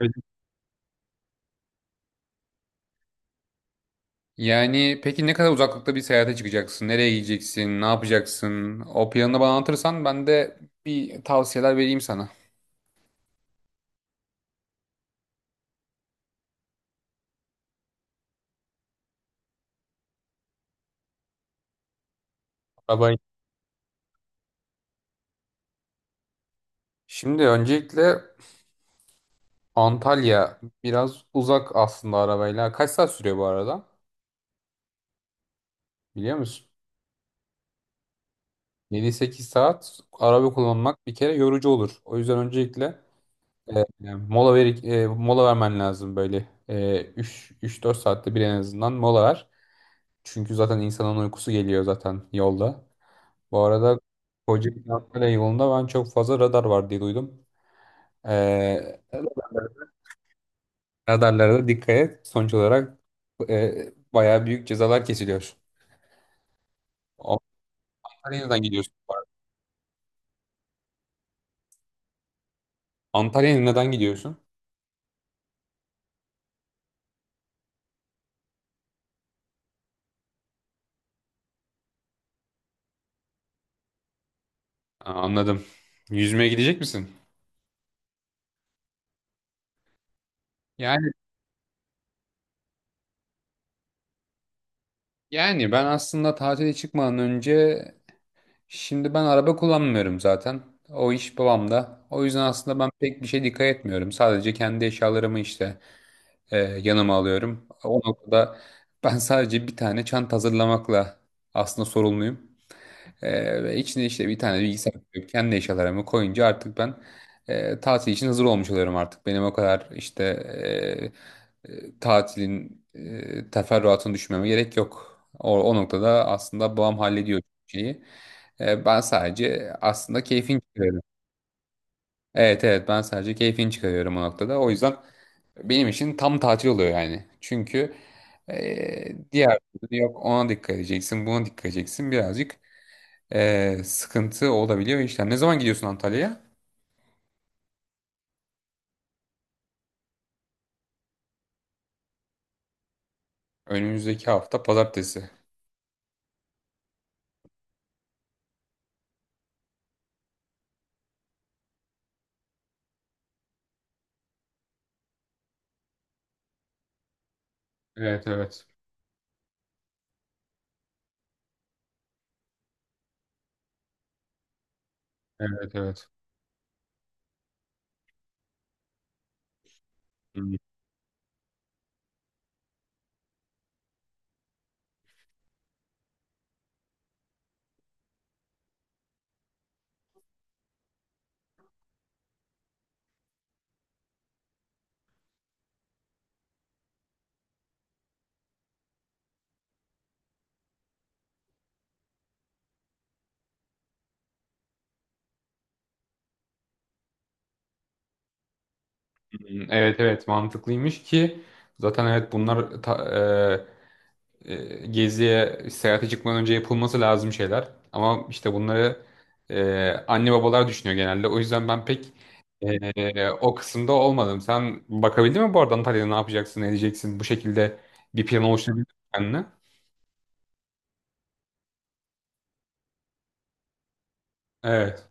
Evet. Yani peki ne kadar uzaklıkta bir seyahate çıkacaksın? Nereye gideceksin? Ne yapacaksın? O planını bana anlatırsan ben de bir tavsiyeler vereyim sana. Arabayı. Şimdi öncelikle Antalya biraz uzak aslında arabayla. Kaç saat sürüyor bu arada? Biliyor musun? 7-8 saat araba kullanmak bir kere yorucu olur. O yüzden öncelikle e, mola ver, mola vermen lazım böyle. 3-4 saatte bir en azından mola ver. Çünkü zaten insanın uykusu geliyor zaten yolda. Bu arada Kocaeli Antalya yolunda ben çok fazla radar var diye duydum. Ee, radarlara da dikkat et. Sonuç olarak bayağı büyük cezalar kesiliyor. Antalya'ya neden gidiyorsun bu arada? Antalya'ya neden gidiyorsun? Aa, anladım. Yüzmeye gidecek misin? Yani yani ben aslında tatile çıkmadan önce şimdi ben araba kullanmıyorum zaten. O iş babamda. O yüzden aslında ben pek bir şey dikkat etmiyorum. Sadece kendi eşyalarımı işte yanıma alıyorum. O noktada ben sadece bir tane çanta hazırlamakla aslında sorumluyum. Ve içine işte bir tane bilgisayar koyup kendi eşyalarımı koyunca artık ben tatil için hazır olmuş oluyorum artık. Benim o kadar işte tatilin teferruatını düşünmeme gerek yok. O noktada aslında babam hallediyor şeyi. Ben sadece aslında keyfin çıkarıyorum. Evet, evet, ben sadece keyfini çıkarıyorum o noktada. O yüzden benim için tam tatil oluyor yani. Çünkü diğer türlü yok ona dikkat edeceksin buna dikkat edeceksin birazcık sıkıntı olabiliyor işler. Ne zaman gidiyorsun Antalya'ya? Önümüzdeki hafta pazartesi. Evet, evet. Evet, evet. Hmm, evet, evet, mantıklıymış ki zaten evet bunlar e, geziye, seyahate çıkmadan önce yapılması lazım şeyler. Ama işte bunları anne babalar düşünüyor genelde. O yüzden ben pek o kısımda olmadım. Sen bakabildin mi bu arada Antalya'da ne yapacaksın, ne edeceksin? Bu şekilde bir plan oluşturabildin mi kendine? Evet.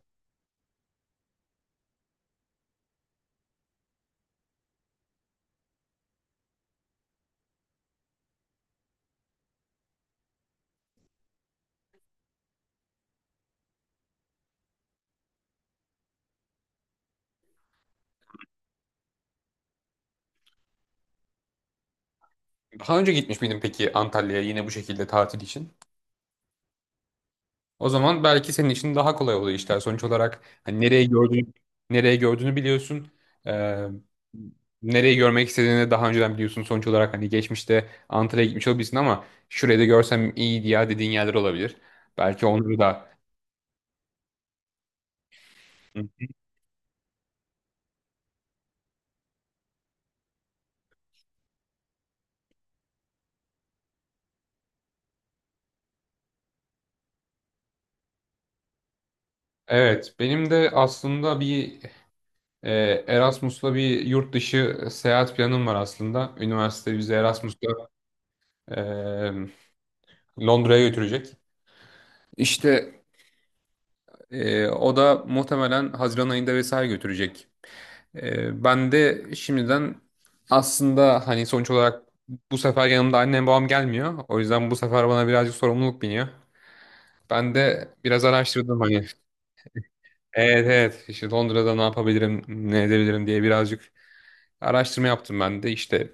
Daha önce gitmiş miydin peki Antalya'ya yine bu şekilde tatil için? O zaman belki senin için daha kolay oluyor işler. Sonuç olarak hani nereye gördüğünü biliyorsun. Ee, nereyi görmek istediğini daha önceden biliyorsun. Sonuç olarak hani geçmişte Antalya'ya gitmiş olabilirsin ama şurayı da görsem iyiydi ya dediğin yerler olabilir. Belki onları da. Evet, benim de aslında bir e, Erasmus'la bir yurt dışı seyahat planım var aslında. Üniversite bizi Erasmus'la e, Londra'ya götürecek. İşte o da muhtemelen Haziran ayında vesaire götürecek. Ben de şimdiden aslında hani sonuç olarak bu sefer yanımda annem babam gelmiyor. O yüzden bu sefer bana birazcık sorumluluk biniyor. Ben de biraz araştırdım hani. Evet, evet, işte Londra'da ne yapabilirim, ne edebilirim diye birazcık araştırma yaptım ben de. İşte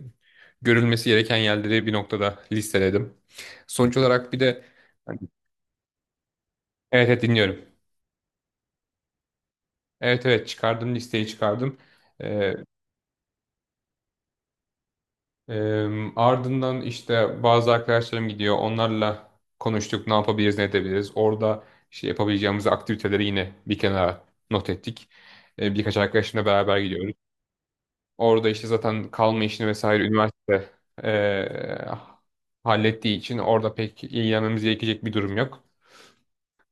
görülmesi gereken yerleri bir noktada listeledim. Sonuç olarak bir de hani, evet, evet, dinliyorum. Evet, evet, çıkardım listeyi çıkardım. Ee, ardından işte bazı arkadaşlarım gidiyor. Onlarla konuştuk, ne yapabiliriz, ne edebiliriz. Orada işte yapabileceğimiz aktiviteleri yine bir kenara not ettik. Birkaç arkadaşımla beraber gidiyoruz. Orada işte zaten kalma işini vesaire üniversite eee, hallettiği için orada pek ilgilenmemiz gerekecek bir durum yok.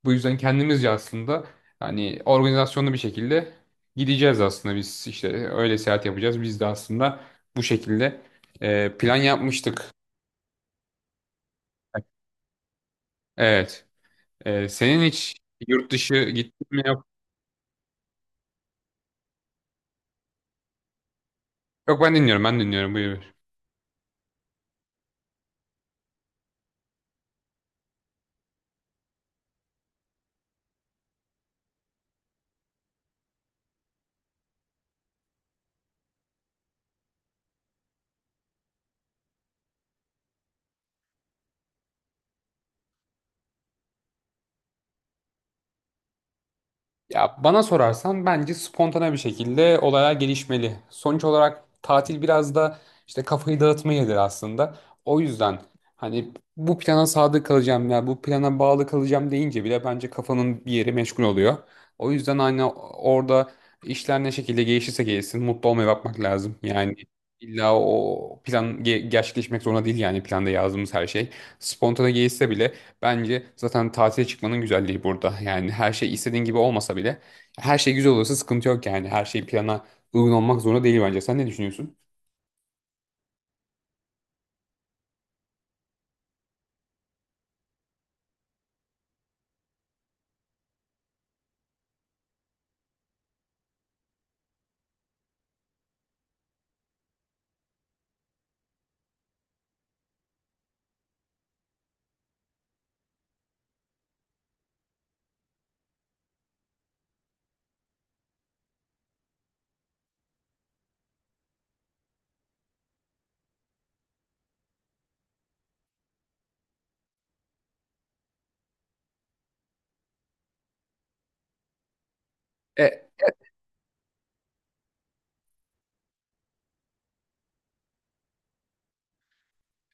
Bu yüzden kendimizce aslında hani organizasyonlu bir şekilde gideceğiz aslında biz işte öyle seyahat yapacağız. Biz de aslında bu şekilde plan yapmıştık. Evet. Senin hiç yurt dışı gittin mi? Yok. Yok, ben dinliyorum. Ben dinliyorum. Buyur. Ya bana sorarsan bence spontane bir şekilde olaya gelişmeli. Sonuç olarak tatil biraz da işte kafayı dağıtma yeridir aslında. O yüzden hani bu plana sadık kalacağım ya bu plana bağlı kalacağım deyince bile bence kafanın bir yeri meşgul oluyor. O yüzden hani orada işler ne şekilde gelişirse gelişsin mutlu olmaya bakmak lazım. Yani illa o plan gerçekleşmek zorunda değil yani planda yazdığımız her şey. Spontane gelişse bile bence zaten tatile çıkmanın güzelliği burada. Yani her şey istediğin gibi olmasa bile her şey güzel olursa sıkıntı yok yani. Her şey plana uygun olmak zorunda değil bence. Sen ne düşünüyorsun? E,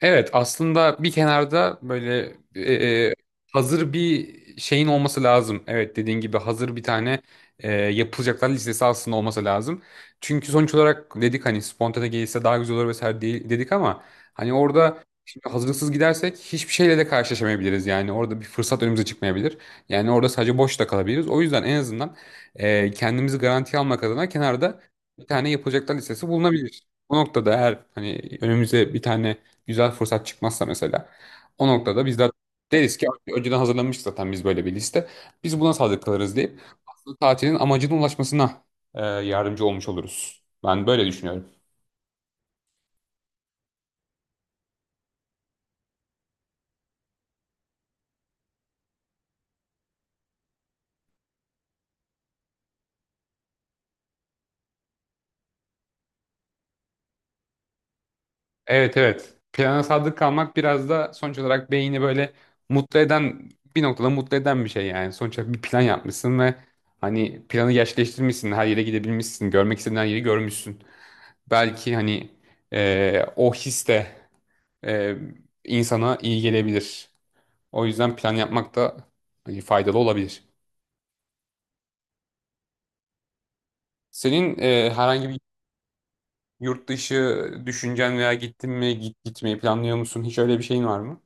Evet, aslında bir kenarda böyle e, hazır bir şeyin olması lazım. Evet, dediğin gibi hazır bir tane yapılacaklar listesi aslında olması lazım. Çünkü sonuç olarak dedik hani spontane gelirse daha güzel olur vesaire dedik ama hani orada şimdi hazırlıksız gidersek hiçbir şeyle de karşılaşamayabiliriz. Yani orada bir fırsat önümüze çıkmayabilir. Yani orada sadece boş da kalabiliriz. O yüzden en azından kendimizi garantiye almak adına kenarda bir tane yapılacaklar listesi bulunabilir. Bu noktada eğer hani önümüze bir tane güzel fırsat çıkmazsa mesela o noktada biz de deriz ki önceden hazırlanmıştık zaten biz böyle bir liste. Biz buna sadık kalırız deyip aslında tatilin amacına ulaşmasına yardımcı olmuş oluruz. Ben böyle düşünüyorum. Evet, evet. Plana sadık kalmak biraz da sonuç olarak beyni böyle mutlu eden bir noktada mutlu eden bir şey yani. Sonuç olarak bir plan yapmışsın ve hani planı gerçekleştirmişsin. Her yere gidebilmişsin. Görmek istediğin her yeri görmüşsün. Belki hani o his de e, insana iyi gelebilir. O yüzden plan yapmak da hani faydalı olabilir. Senin herhangi bir yurt dışı düşüncen veya gittin mi, gitmeyi planlıyor musun? Hiç öyle bir şeyin var mı?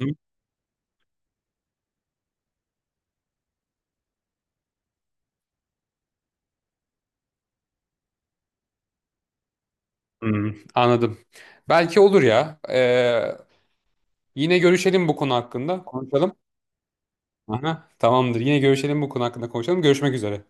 Hı. Hmm, anladım. Belki olur ya. Yine görüşelim bu konu hakkında. Konuşalım. Aha, tamamdır. Yine görüşelim bu konu hakkında konuşalım. Görüşmek üzere.